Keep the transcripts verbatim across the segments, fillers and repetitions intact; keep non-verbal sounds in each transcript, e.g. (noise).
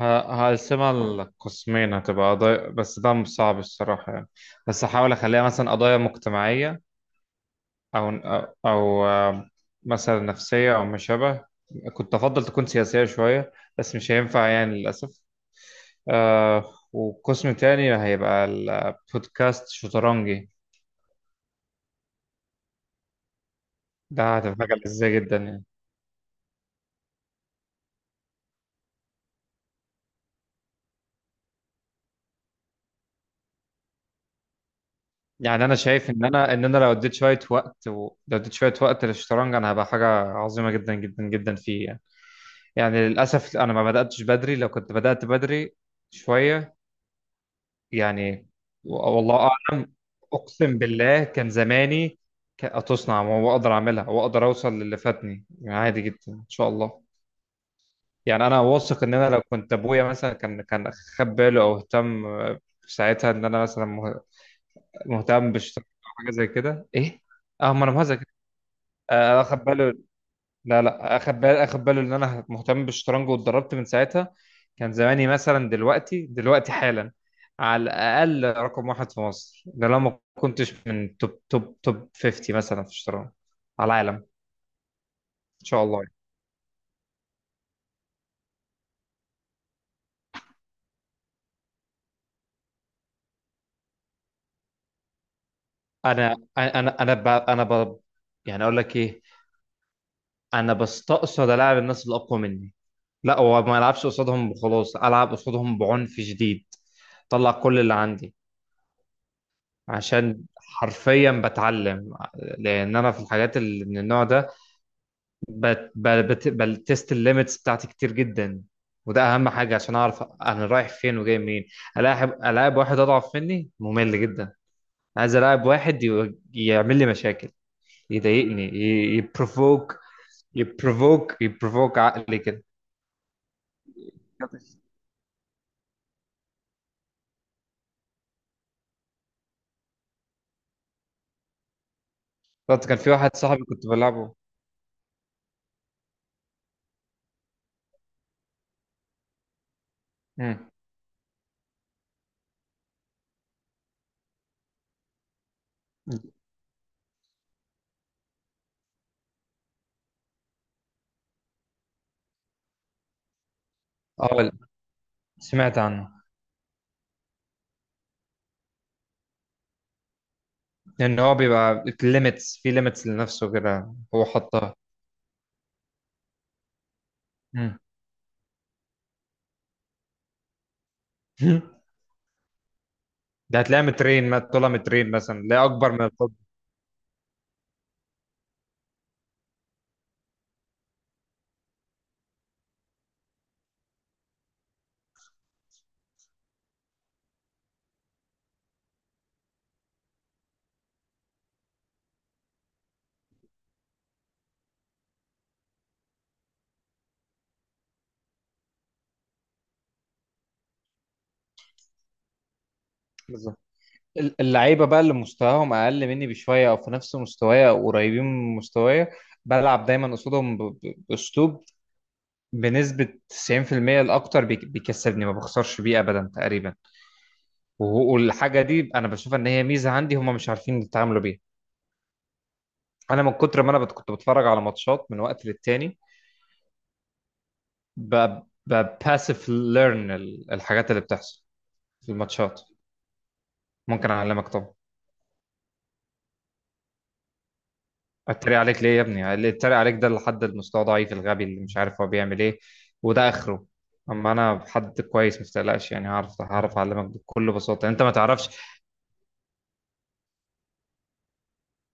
ه- هقسمها لقسمين، هتبقى قضايا. بس ده مش صعب الصراحة يعني. بس هحاول أخليها مثلا قضايا مجتمعية أو أو أو، آه، مثلا نفسية أو ما شابه. كنت أفضل تكون سياسية شوية، بس مش هينفع يعني للأسف. آه وقسم تاني هيبقى البودكاست شطرنجي. ده هتبقى ازاي جدا يعني. يعني أنا شايف إن أنا إن أنا لو اديت شوية وقت و... لو اديت شوية وقت للشطرنج أنا هبقى حاجة عظيمة جدا جدا جدا فيه يعني. يعني للأسف أنا ما بدأتش بدري. لو كنت بدأت بدري شوية يعني. و- والله أعلم. أقسم بالله كان زماني، ك- تصنع وأقدر أعملها وأقدر أوصل للي فاتني يعني، عادي جدا إن شاء الله. يعني أنا واثق إن أنا لو كنت أبويا مثلا كان كان خد باله أو اهتم في ساعتها، إن أنا مثلا مه- مهتم بشغل أو حاجة زي كده. إيه؟ أه، ما أنا مهزأ كده. آه، أخد باله. لا لا، اخد بال اخد باله ان انا مهتم بالشطرنج، واتدربت من ساعتها كان زماني مثلا دلوقتي دلوقتي حالا على الاقل رقم واحد في مصر. ده لو ما كنتش من توب توب توب خمسين مثلا في الشطرنج على العالم. ان شاء الله. انا انا انا ب... انا ب... يعني اقول لك ايه، انا بستقصد العب الناس اللي اقوى مني. لا، هو ما العبش قصادهم وخلاص، العب قصادهم بعنف شديد، طلع كل اللي عندي، عشان حرفيا بتعلم. لان انا في الحاجات اللي من النوع ده بت- ب- بت- بتست الليميتس بتاعتي كتير جدا، وده اهم حاجه عشان اعرف انا رايح فين وجاي منين. الاعب الاعب واحد اضعف مني ممل جدا. عايز الاعب واحد ي- يعمل لي مشاكل، يضايقني، يبروفوك يبروفوك يبروفوك عقلي كده. بالظبط. كان في واحد صاحبي كنت بلعبه. مم. اه، سمعت عنه. لأن هو بيبقى ليميتس في ليميتس لنفسه كده هو حطها. مم. (laughs) ده هتلاقيها مترين، ما- طولها مترين مثلا، لا أكبر من الحب. بالظبط. ال- اللعيبة بقى اللي مستواهم أقل مني بشوية أو في نفس مستوايا أو قريبين من مستوايا، بلعب دايما قصادهم ب- ب- بأسلوب. بنسبة تسعين في المية الأكتر بيك- بيكسبني، ما بخسرش بيه أبدا تقريبا. وهو- والحاجة دي أنا بشوف إن هي ميزة عندي، هم مش عارفين يتعاملوا بيها. أنا من كتر ما أنا بت- كنت بتفرج على ماتشات من وقت للتاني، ب- بباسف ليرن الحاجات اللي بتحصل في الماتشات. ممكن اعلمك طبعا. اتريق عليك ليه يا ابني؟ اللي اتريق عليك ده اللي حد المستوى ضعيف الغبي اللي مش عارف هو بيعمل ايه، وده اخره. اما انا حد كويس ما تقلقش يعني، هعرف هعرف اعلمك بكل بساطه انت ما تعرفش.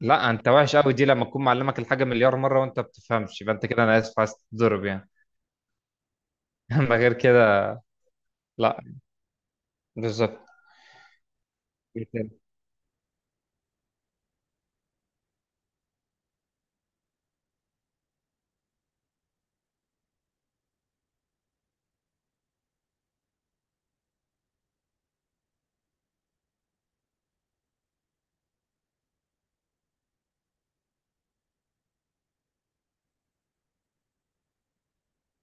لا، انت وحش قوي دي لما اكون معلمك الحاجه مليار مره وانت ما بتفهمش، يبقى انت كده انا اسف عايز تضرب يعني. (laughs) اما غير كده لا. بالظبط.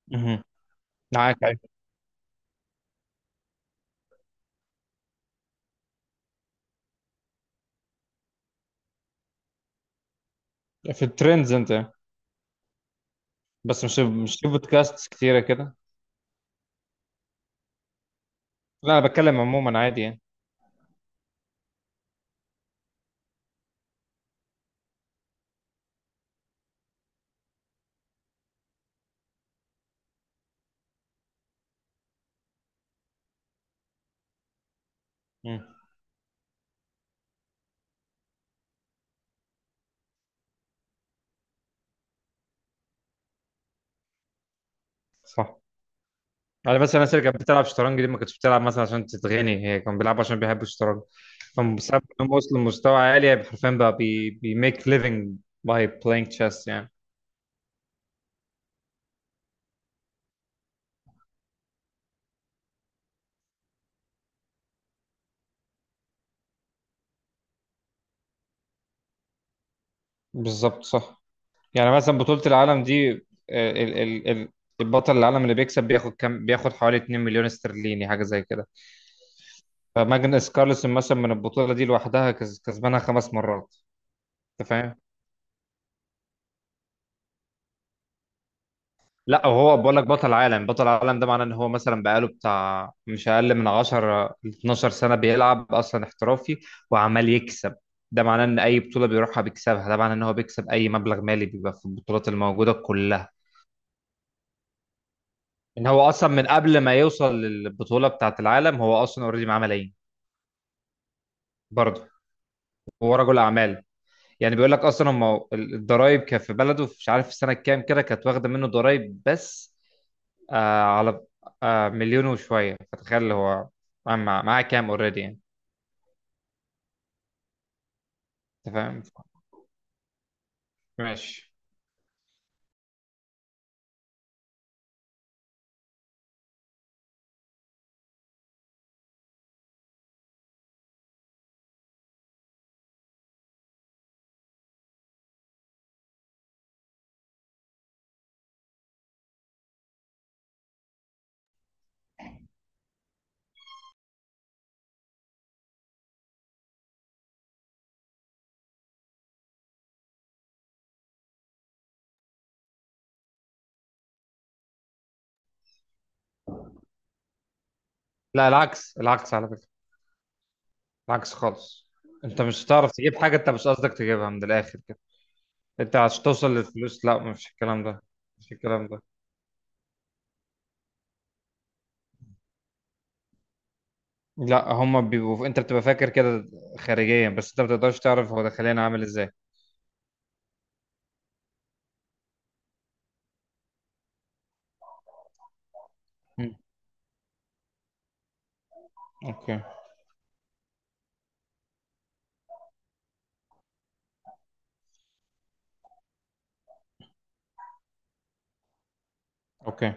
مهم. معاك، أيوة. في الترندز انت؟ بس مش مش في بودكاست كتيره كده. لا، انا بتكلم عموما عادي يعني. مم. صح. يعني مثلا الناس اللي كانت بتلعب شطرنج دي ما كانتش بتلعب مثلا عشان تتغني، هي كانوا بيلعبوا عشان بيحبوا الشطرنج. فبسبب انهم وصلوا لمستوى عالي حرفيا بقى بي بي make living by playing chess يعني. بالظبط صح. يعني مثلا بطولة العالم دي، آه، ال ال ال البطل العالم اللي بيكسب بياخد كام؟ بياخد حوالي 2 مليون استرليني، حاجة زي كده. فماجنس كارلسن مثلا من البطولة دي لوحدها كز- كسبانها خمس مرات. انت فاهم؟ لا، هو بقول لك بطل عالم بطل عالم، ده معناه ان هو مثلا بقاله بتاع مش اقل من عشر ل اتناشر سنة سنه بيلعب اصلا احترافي وعمال يكسب. ده معناه ان اي بطوله بيروحها بيكسبها. ده معناه ان هو بيكسب اي مبلغ مالي بيبقى في البطولات الموجوده كلها. ان هو اصلا من قبل ما يوصل للبطوله بتاعه العالم هو اصلا اوريدي معاه ملايين. برضه هو رجل اعمال يعني. بيقول لك اصلا هم الضرايب كان في بلده، مش عارف في سنه كام كده، كانت واخده منه ضرايب بس، آه على آه مليون وشوية. فتخيل هو معاه معاه كام اوريدي يعني. انت فاهم؟ ماشي. لا، العكس. العكس على فكرة. العكس خالص. انت مش هتعرف تجيب حاجة انت مش قصدك تجيبها من الاخر كده. انت عشان توصل للفلوس، لا، مش الكلام ده، مش الكلام ده. لا، هما بيبقوا انت بتبقى فاكر كده خارجيا، بس انت ما بتقدرش تعرف هو داخليا عامل ازاي. مم. اوكي اوكي،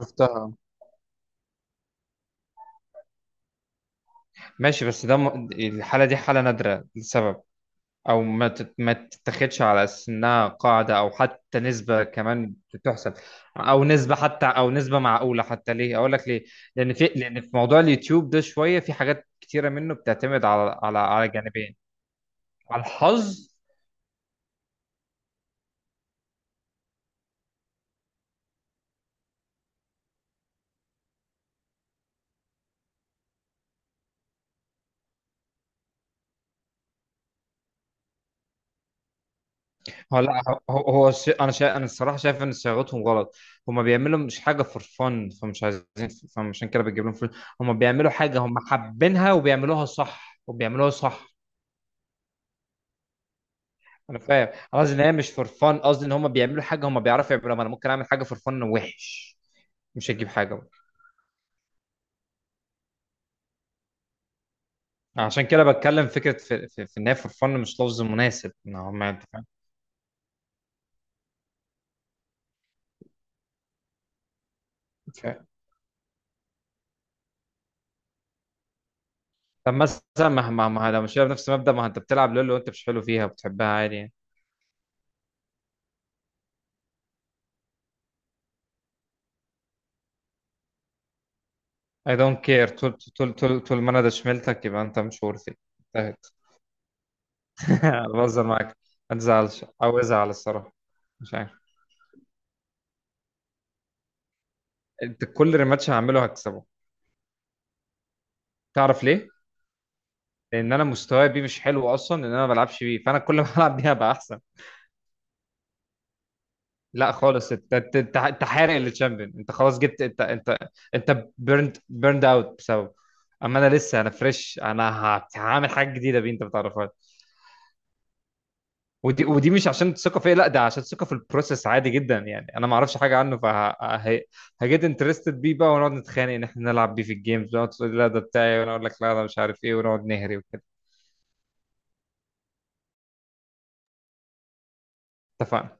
شفتها. ماشي. بس ده م... الحالة دي حالة نادرة لسبب، او ما تت- ما تتاخدش على اساس انها قاعده او حتى نسبه كمان تحسب، او نسبه حتى، او نسبه معقوله حتى. ليه؟ اقول لك ليه. لان في، لان في موضوع اليوتيوب ده شويه في حاجات كتيره منه بتعتمد على على على جانبين، على الحظ. هو لا هو هو هو الش- انا شا... انا الصراحه شايف ان صياغتهم غلط. هما بيعملوا مش حاجه فور فن، فمش عايزين، فمش عشان كده بتجيب لهم فلوس. هما بيعملوا حاجه هما حابينها وبيعملوها صح وبيعملوها صح. انا فاهم. انا قصدي ان هي مش فور فن، قصدي ان هم بيعملوا حاجه هم بيعرفوا يعملوها. ما انا ممكن اعمل حاجه فور فن وحش مش هتجيب حاجه برضه. عشان كده بتكلم، فكره في, في, في ان هي فور فن مش لفظ مناسب ان هم انت فاهم. أنت فاهم. طب مثلا ما ما ما لو مش بنفس المبدا، ما انت بتلعب لولو وانت مش حلو فيها وبتحبها عادي يعني. I don't care. طول طول طول طول ما انا ده شملتك يبقى انت مش ورثي، انتهت. (laughs) بهزر معاك. ما تزعلش، او ازعل الصراحه مش عارف. انت كل ريماتش هعمله هكسبه. تعرف ليه؟ لان انا مستواي بيه مش حلو اصلا، لان انا ما بلعبش بيه، فانا كل ما العب بيها بقى احسن. لا خالص، انت انت انت أنت حارق للتشامبيون. انت خلاص جبت. انت انت انت بيرند بيرند اوت بسبب. اما انا لسه انا فريش. انا ه- هعمل حاجه جديده بيه انت ما تعرفهاش. ودي ودي مش عشان الثقه فيا، لا، ده عشان الثقه في البروسيس عادي جدا يعني. انا ما اعرفش حاجه عنه، فهجيت انترستد بيه بقى، ونقعد نتخانق ان احنا نلعب بيه في الجيمز، ونقعد تقول لي لا ده بتاعي وانا اقول لك لا ده مش عارف ايه ونقعد نهري وكده. اتفقنا.